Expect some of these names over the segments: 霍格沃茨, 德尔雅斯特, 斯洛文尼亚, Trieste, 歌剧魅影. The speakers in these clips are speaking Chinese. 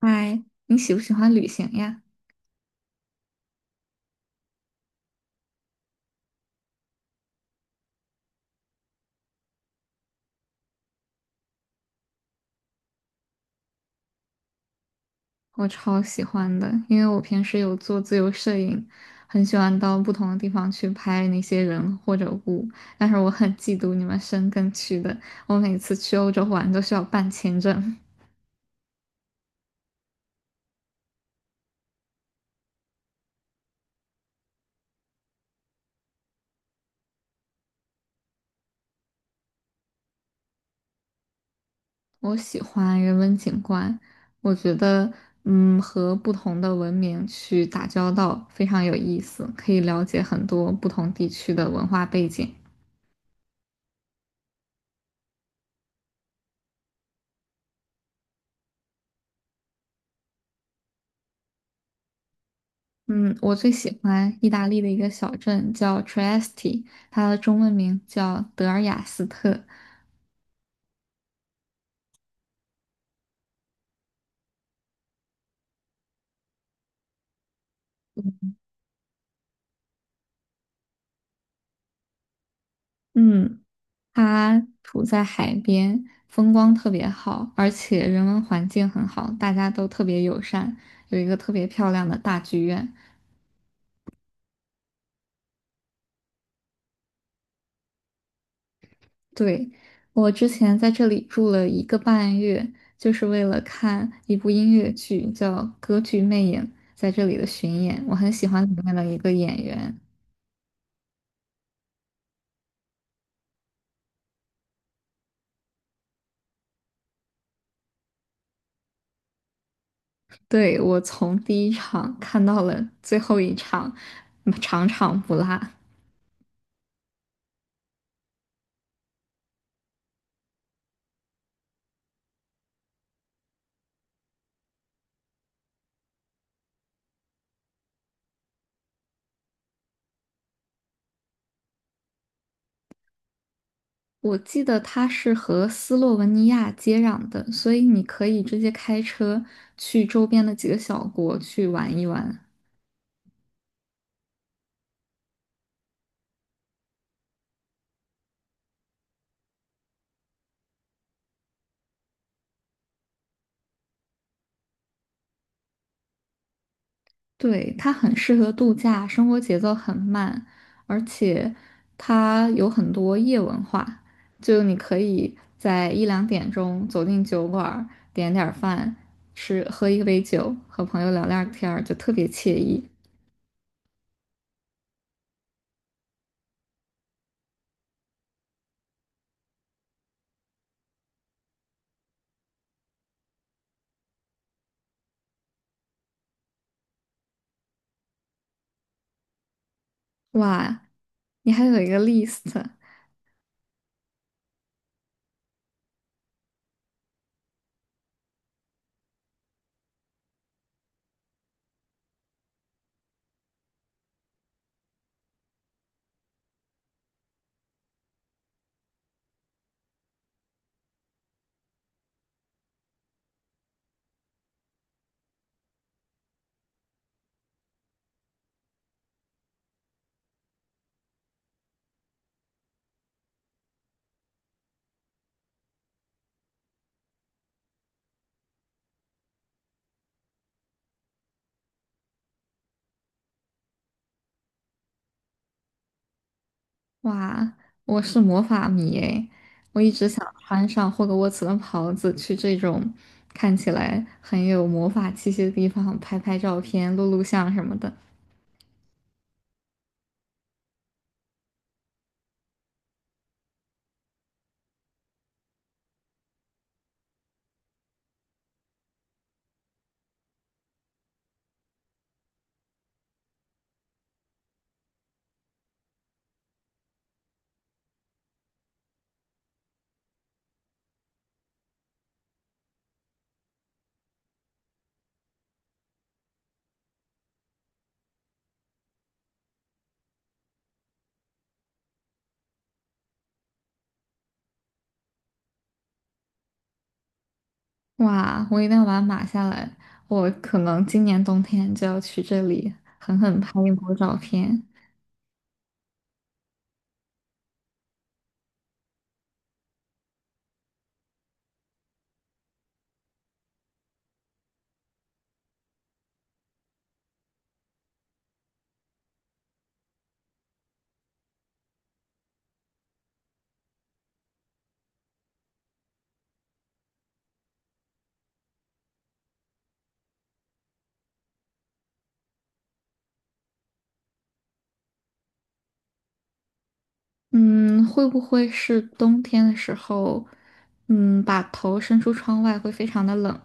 嗨，你喜不喜欢旅行呀？我超喜欢的，因为我平时有做自由摄影，很喜欢到不同的地方去拍那些人或者物。但是我很嫉妒你们申根区的，我每次去欧洲玩都需要办签证。我喜欢人文景观，我觉得，和不同的文明去打交道非常有意思，可以了解很多不同地区的文化背景。嗯，我最喜欢意大利的一个小镇叫 Trieste，它的中文名叫德尔雅斯特。嗯，它处在海边，风光特别好，而且人文环境很好，大家都特别友善，有一个特别漂亮的大剧院。对，我之前在这里住了1个半月，就是为了看一部音乐剧，叫《歌剧魅影》，在这里的巡演，我很喜欢里面的一个演员。对，我从第一场看到了最后一场，场场不落。我记得它是和斯洛文尼亚接壤的，所以你可以直接开车去周边的几个小国去玩一玩。对，它很适合度假，生活节奏很慢，而且它有很多夜文化，就你可以在一两点钟走进酒馆儿，点点儿饭，吃，喝一杯酒，和朋友聊聊天儿，就特别惬意。哇，你还有一个 list。哇，我是魔法迷诶，我一直想穿上霍格沃茨的袍子，去这种看起来很有魔法气息的地方拍拍照片、录录像什么的。哇，我一定要把它码下来，我可能今年冬天就要去这里狠狠拍一波照片。嗯，会不会是冬天的时候，把头伸出窗外会非常的冷？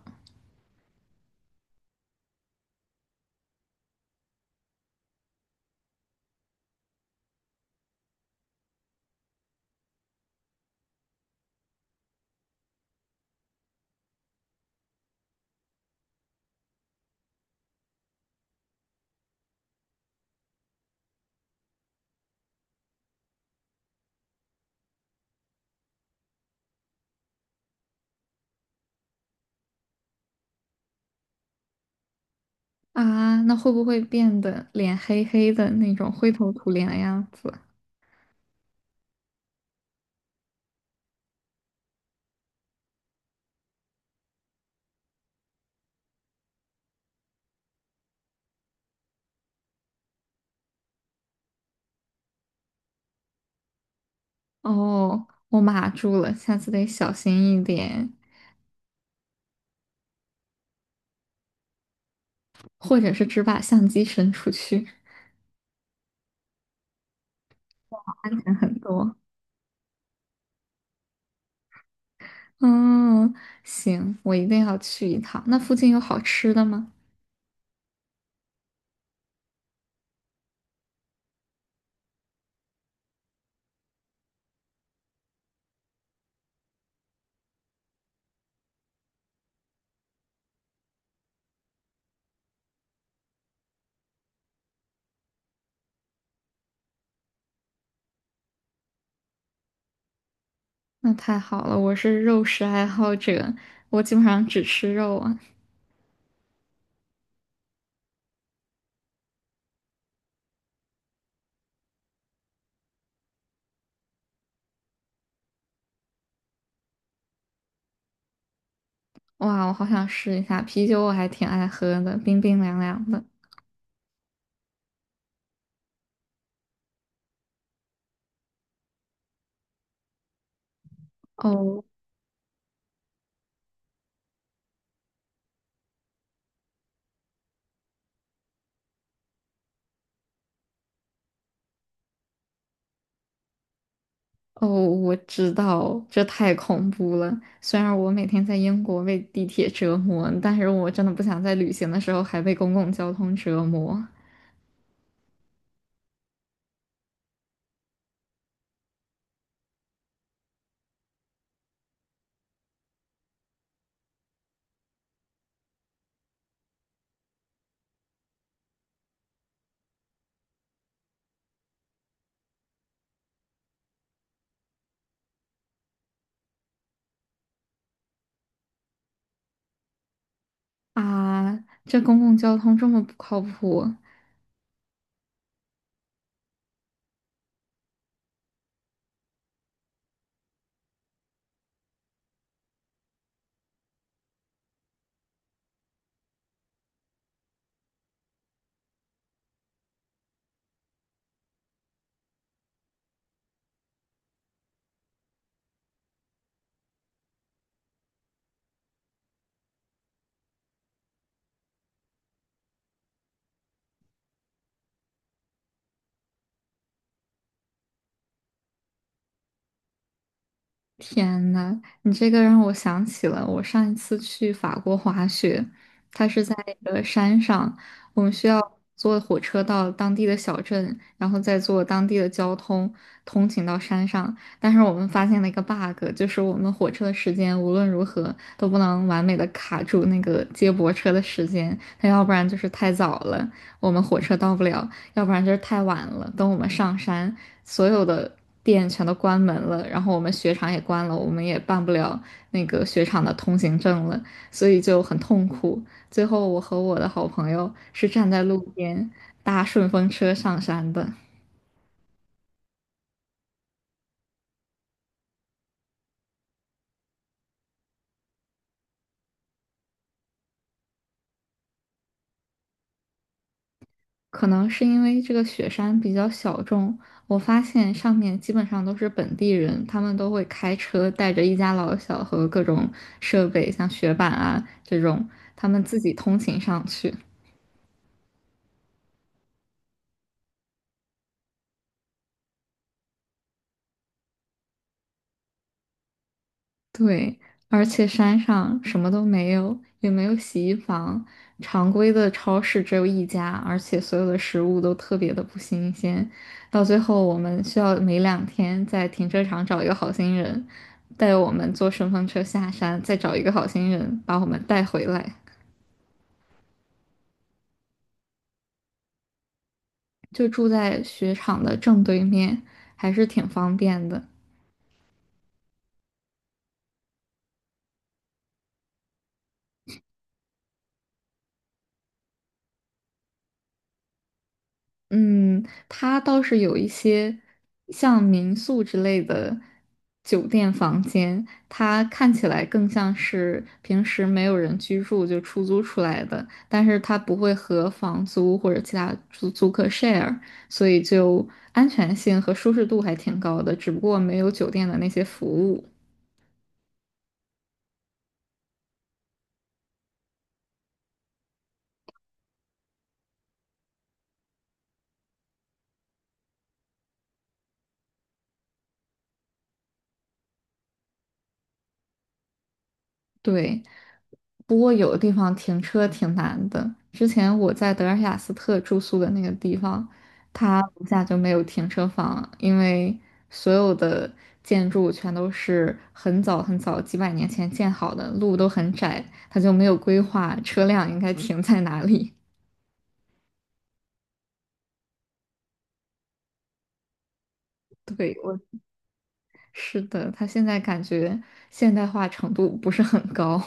啊，那会不会变得脸黑黑的那种灰头土脸的样子？哦，我码住了，下次得小心一点，或者是只把相机伸出去，安全很多。嗯，行，我一定要去一趟。那附近有好吃的吗？那太好了，我是肉食爱好者，我基本上只吃肉啊。哇，我好想试一下啤酒，我还挺爱喝的，冰冰凉凉的。哦，哦，我知道，这太恐怖了。虽然我每天在英国被地铁折磨，但是我真的不想在旅行的时候还被公共交通折磨啊！这公共交通这么不靠谱，天呐，你这个让我想起了我上一次去法国滑雪，它是在一个山上，我们需要坐火车到当地的小镇，然后再坐当地的交通通勤到山上。但是我们发现了一个 bug,就是我们火车的时间无论如何都不能完美的卡住那个接驳车的时间，它要不然就是太早了，我们火车到不了；要不然就是太晚了。等我们上山，所有的店全都关门了，然后我们雪场也关了，我们也办不了那个雪场的通行证了，所以就很痛苦。最后，我和我的好朋友是站在路边搭顺风车上山的。可能是因为这个雪山比较小众，我发现上面基本上都是本地人，他们都会开车带着一家老小和各种设备，像雪板啊这种，他们自己通勤上去。对，而且山上什么都没有，也没有洗衣房，常规的超市只有一家，而且所有的食物都特别的不新鲜。到最后，我们需要每两天在停车场找一个好心人，带我们坐顺风车下山，再找一个好心人把我们带回来。就住在雪场的正对面，还是挺方便的。嗯，它倒是有一些像民宿之类的酒店房间，它看起来更像是平时没有人居住就出租出来的，但是它不会和房租或者其他租客 share,所以就安全性和舒适度还挺高的，只不过没有酒店的那些服务。对，不过有的地方停车挺难的。之前我在德尔雅斯特住宿的那个地方，它楼下就没有停车房，因为所有的建筑全都是很早很早几百年前建好的，路都很窄，它就没有规划车辆应该停在哪里。对，我是的，它现在感觉现代化程度不是很高。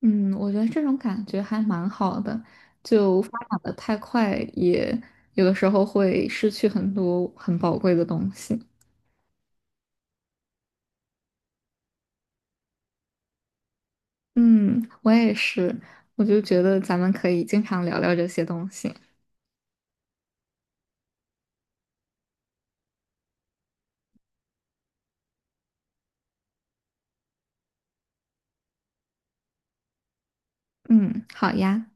嗯，我觉得这种感觉还蛮好的，就发展的太快，也有的时候会失去很多很宝贵的东西。嗯，我也是，我就觉得咱们可以经常聊聊这些东西。嗯，好呀。